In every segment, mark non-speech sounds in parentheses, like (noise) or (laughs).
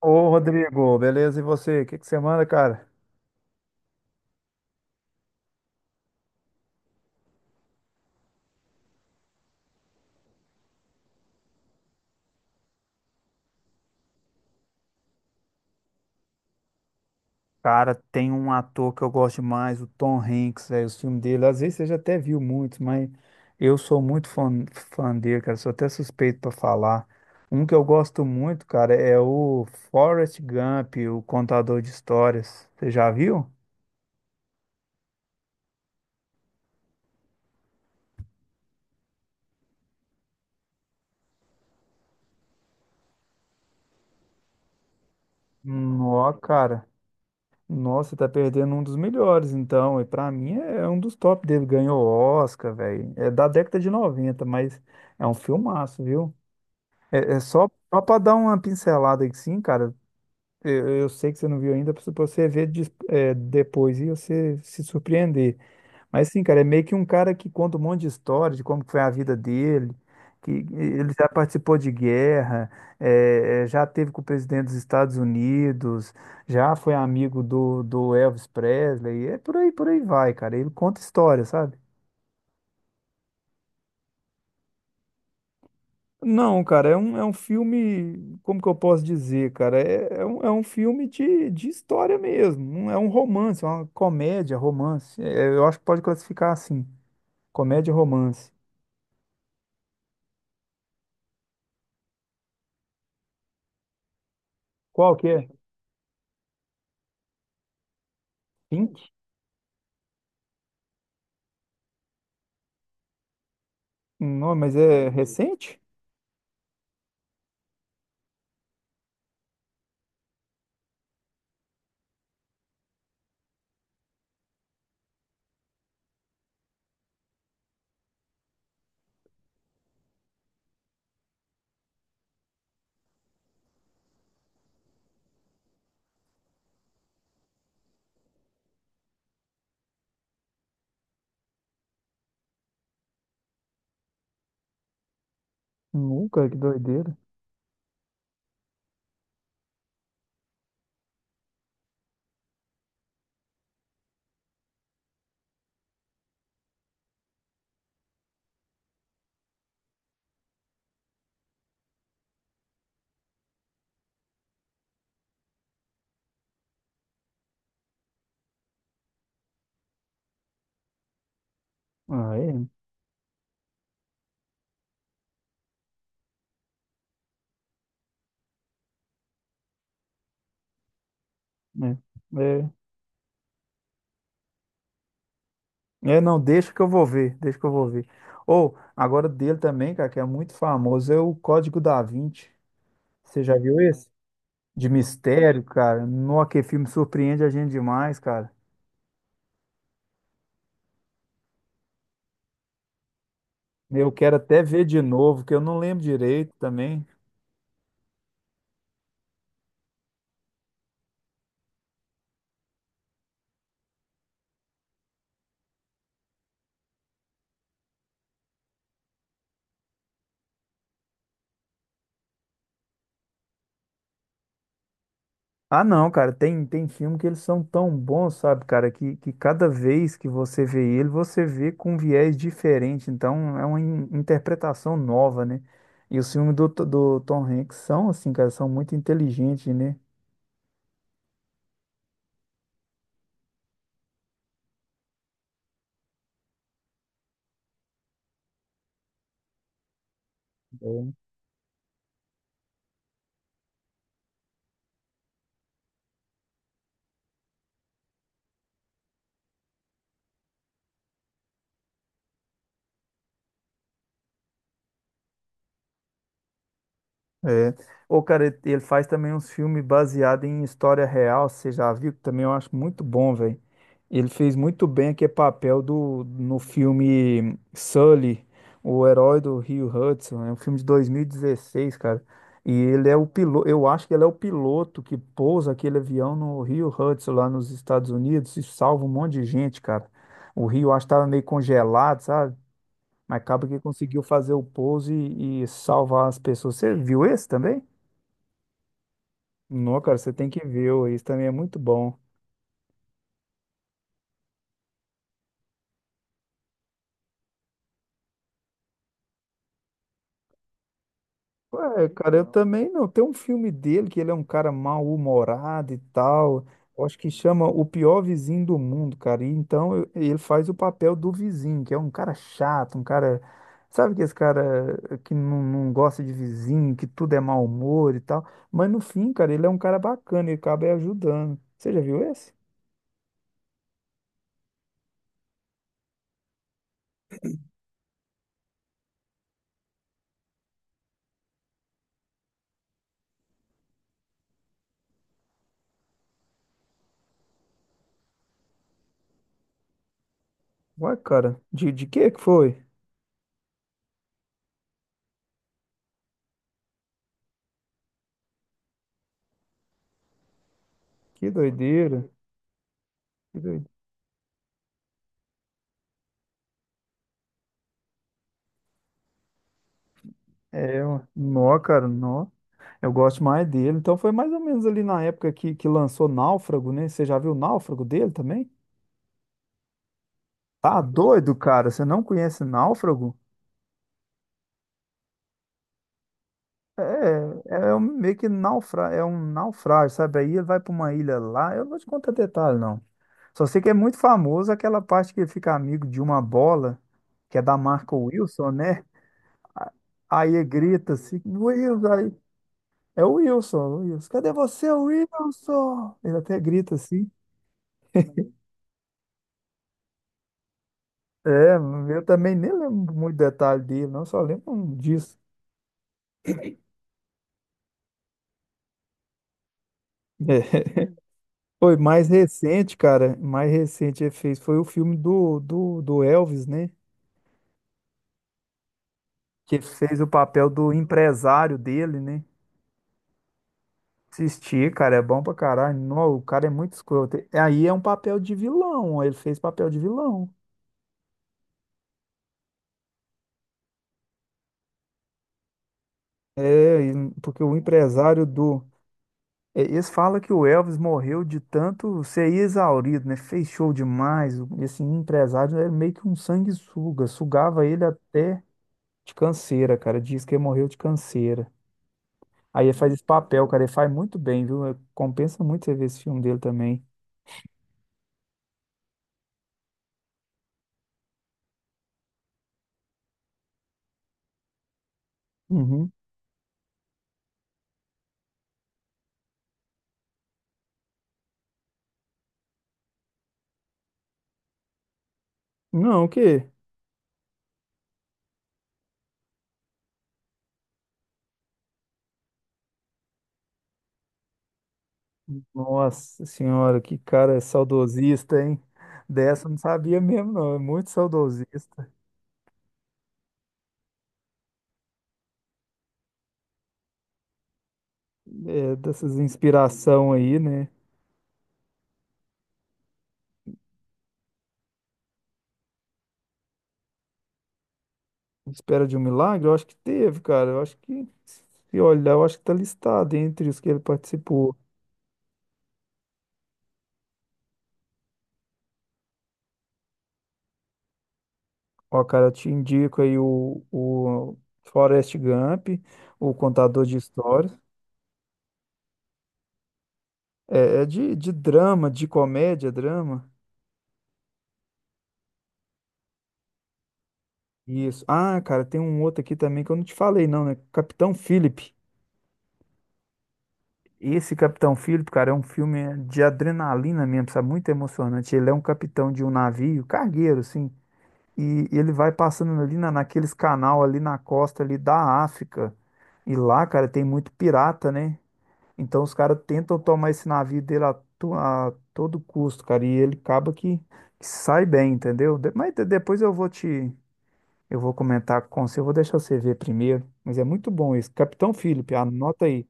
Ô, Rodrigo, beleza? E você? O que que você manda, cara? Cara, tem um ator que eu gosto demais, o Tom Hanks, velho, os filmes dele. Às vezes você já até viu muitos, mas eu sou muito fã, fã dele, cara. Sou até suspeito pra falar. Um que eu gosto muito, cara, é o Forrest Gump, o contador de histórias. Você já viu? Nó, cara. Nossa, tá perdendo um dos melhores, então. E pra mim é um dos top dele. Ganhou Oscar, velho. É da década de 90, mas é um filmaço, viu? É só para dar uma pincelada aqui, sim, cara. Eu sei que você não viu ainda, para você ver depois e você se surpreender. Mas sim, cara, é meio que um cara que conta um monte de história de como que foi a vida dele, que ele já participou de guerra, já teve com o presidente dos Estados Unidos, já foi amigo do Elvis Presley, é por aí vai, cara. Ele conta história, sabe? Não, cara, é um filme, como que eu posso dizer, cara? É um filme de história mesmo, não é um romance, é uma comédia, romance. É, eu acho que pode classificar assim, comédia, romance. Qual que é? Pink? Não, mas é recente? Nunca, que doideira. Ah, é, é, é. É, não, deixa que eu vou ver, deixa que eu vou ver. Ou, agora dele também, cara, que é muito famoso, é o Código da Vinci. Você já viu esse? De mistério, cara. Nossa, que filme surpreende a gente demais, cara. Eu quero até ver de novo, que eu não lembro direito também. Ah, não, cara, tem filme que eles são tão bons, sabe, cara, que cada vez que você vê ele, você vê com um viés diferente. Então, é uma interpretação nova, né? E os filmes do Tom Hanks são, assim, cara, são muito inteligentes, né? É. Ô, cara, ele faz também uns filmes baseados em história real, você já viu? Que também eu acho muito bom, velho. Ele fez muito bem aquele papel no filme Sully, o herói do Rio Hudson. É um filme de 2016, cara. E ele é o piloto, eu acho que ele é o piloto que pousa aquele avião no Rio Hudson, lá nos Estados Unidos, e salva um monte de gente, cara. O rio, acho que estava meio congelado, sabe? Mas acaba que conseguiu fazer o pouso e salvar as pessoas. Você viu esse também? Não, cara, você tem que ver, ó, isso também é muito bom. Ué, cara, eu Então, também não. Tem um filme dele que ele é um cara mal-humorado e tal. Eu acho que chama O Pior Vizinho do Mundo, cara. E então ele faz o papel do vizinho, que é um cara chato, um cara. Sabe que esse cara que não gosta de vizinho, que tudo é mau humor e tal. Mas no fim, cara, ele é um cara bacana, ele acaba ajudando. Você já viu esse? Ué, cara, de que foi? Que doideira. Que doideira. É, ó, nó, cara, nó. Eu gosto mais dele. Então foi mais ou menos ali na época que lançou Náufrago, né? Você já viu o Náufrago dele também? Tá doido, cara. Você não conhece Náufrago? Meio que é um naufrágio, sabe? Aí ele vai pra uma ilha lá. Eu não vou te contar detalhe, não. Só sei que é muito famoso aquela parte que ele fica amigo de uma bola, que é da marca Wilson, né? A- Aí ele grita assim, Wilson, aí. É o Wilson, o Wilson. Cadê você, Wilson? Ele até grita assim. É, eu também nem lembro muito detalhe dele, não, só lembro um disso. (laughs) É. Foi mais recente, cara. Mais recente ele fez foi o filme do Elvis, né? Que ele fez o papel do empresário dele, né? Assistir, cara, é bom pra caralho. Não, o cara é muito escroto. Aí é um papel de vilão, ele fez papel de vilão. É, porque o empresário do. É, eles falam que o Elvis morreu de tanto ser exaurido, né? Fez show demais. Esse empresário era meio que um sanguessuga, sugava ele até de canseira, cara. Diz que ele morreu de canseira. Aí ele faz esse papel, cara. Ele faz muito bem, viu? É, compensa muito você ver esse filme dele também. Uhum. Não, o quê? Nossa senhora, que cara saudosista, hein? Dessa eu não sabia mesmo, não. É muito saudosista. É, dessas inspiração aí, né? Espera de um milagre? Eu acho que teve, cara. Eu acho que, se olhar, eu acho que tá listado entre os que ele participou. Ó, cara, eu te indico aí o Forrest Gump, o Contador de Histórias. É de drama, de comédia, drama. Isso. Ah, cara, tem um outro aqui também que eu não te falei, não, né? Capitão Philip. Esse Capitão Philip, cara, é um filme de adrenalina mesmo, sabe? Muito emocionante. Ele é um capitão de um navio, cargueiro, assim. E ele vai passando ali naqueles canal ali na costa ali da África. E lá, cara, tem muito pirata, né? Então os caras tentam tomar esse navio dele a todo custo, cara, e ele acaba que sai bem, entendeu? Mas depois eu vou comentar com você, eu vou deixar você ver primeiro, mas é muito bom isso Capitão Philip, anota aí.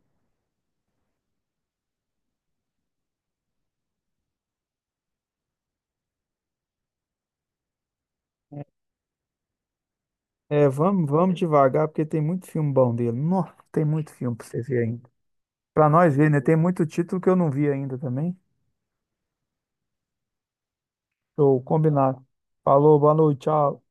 É, vamos, vamos devagar, porque tem muito filme bom dele. Nossa, tem muito filme pra você ver ainda. Pra nós ver, né? Tem muito título que eu não vi ainda também. Show, combinado. Falou, boa noite, tchau.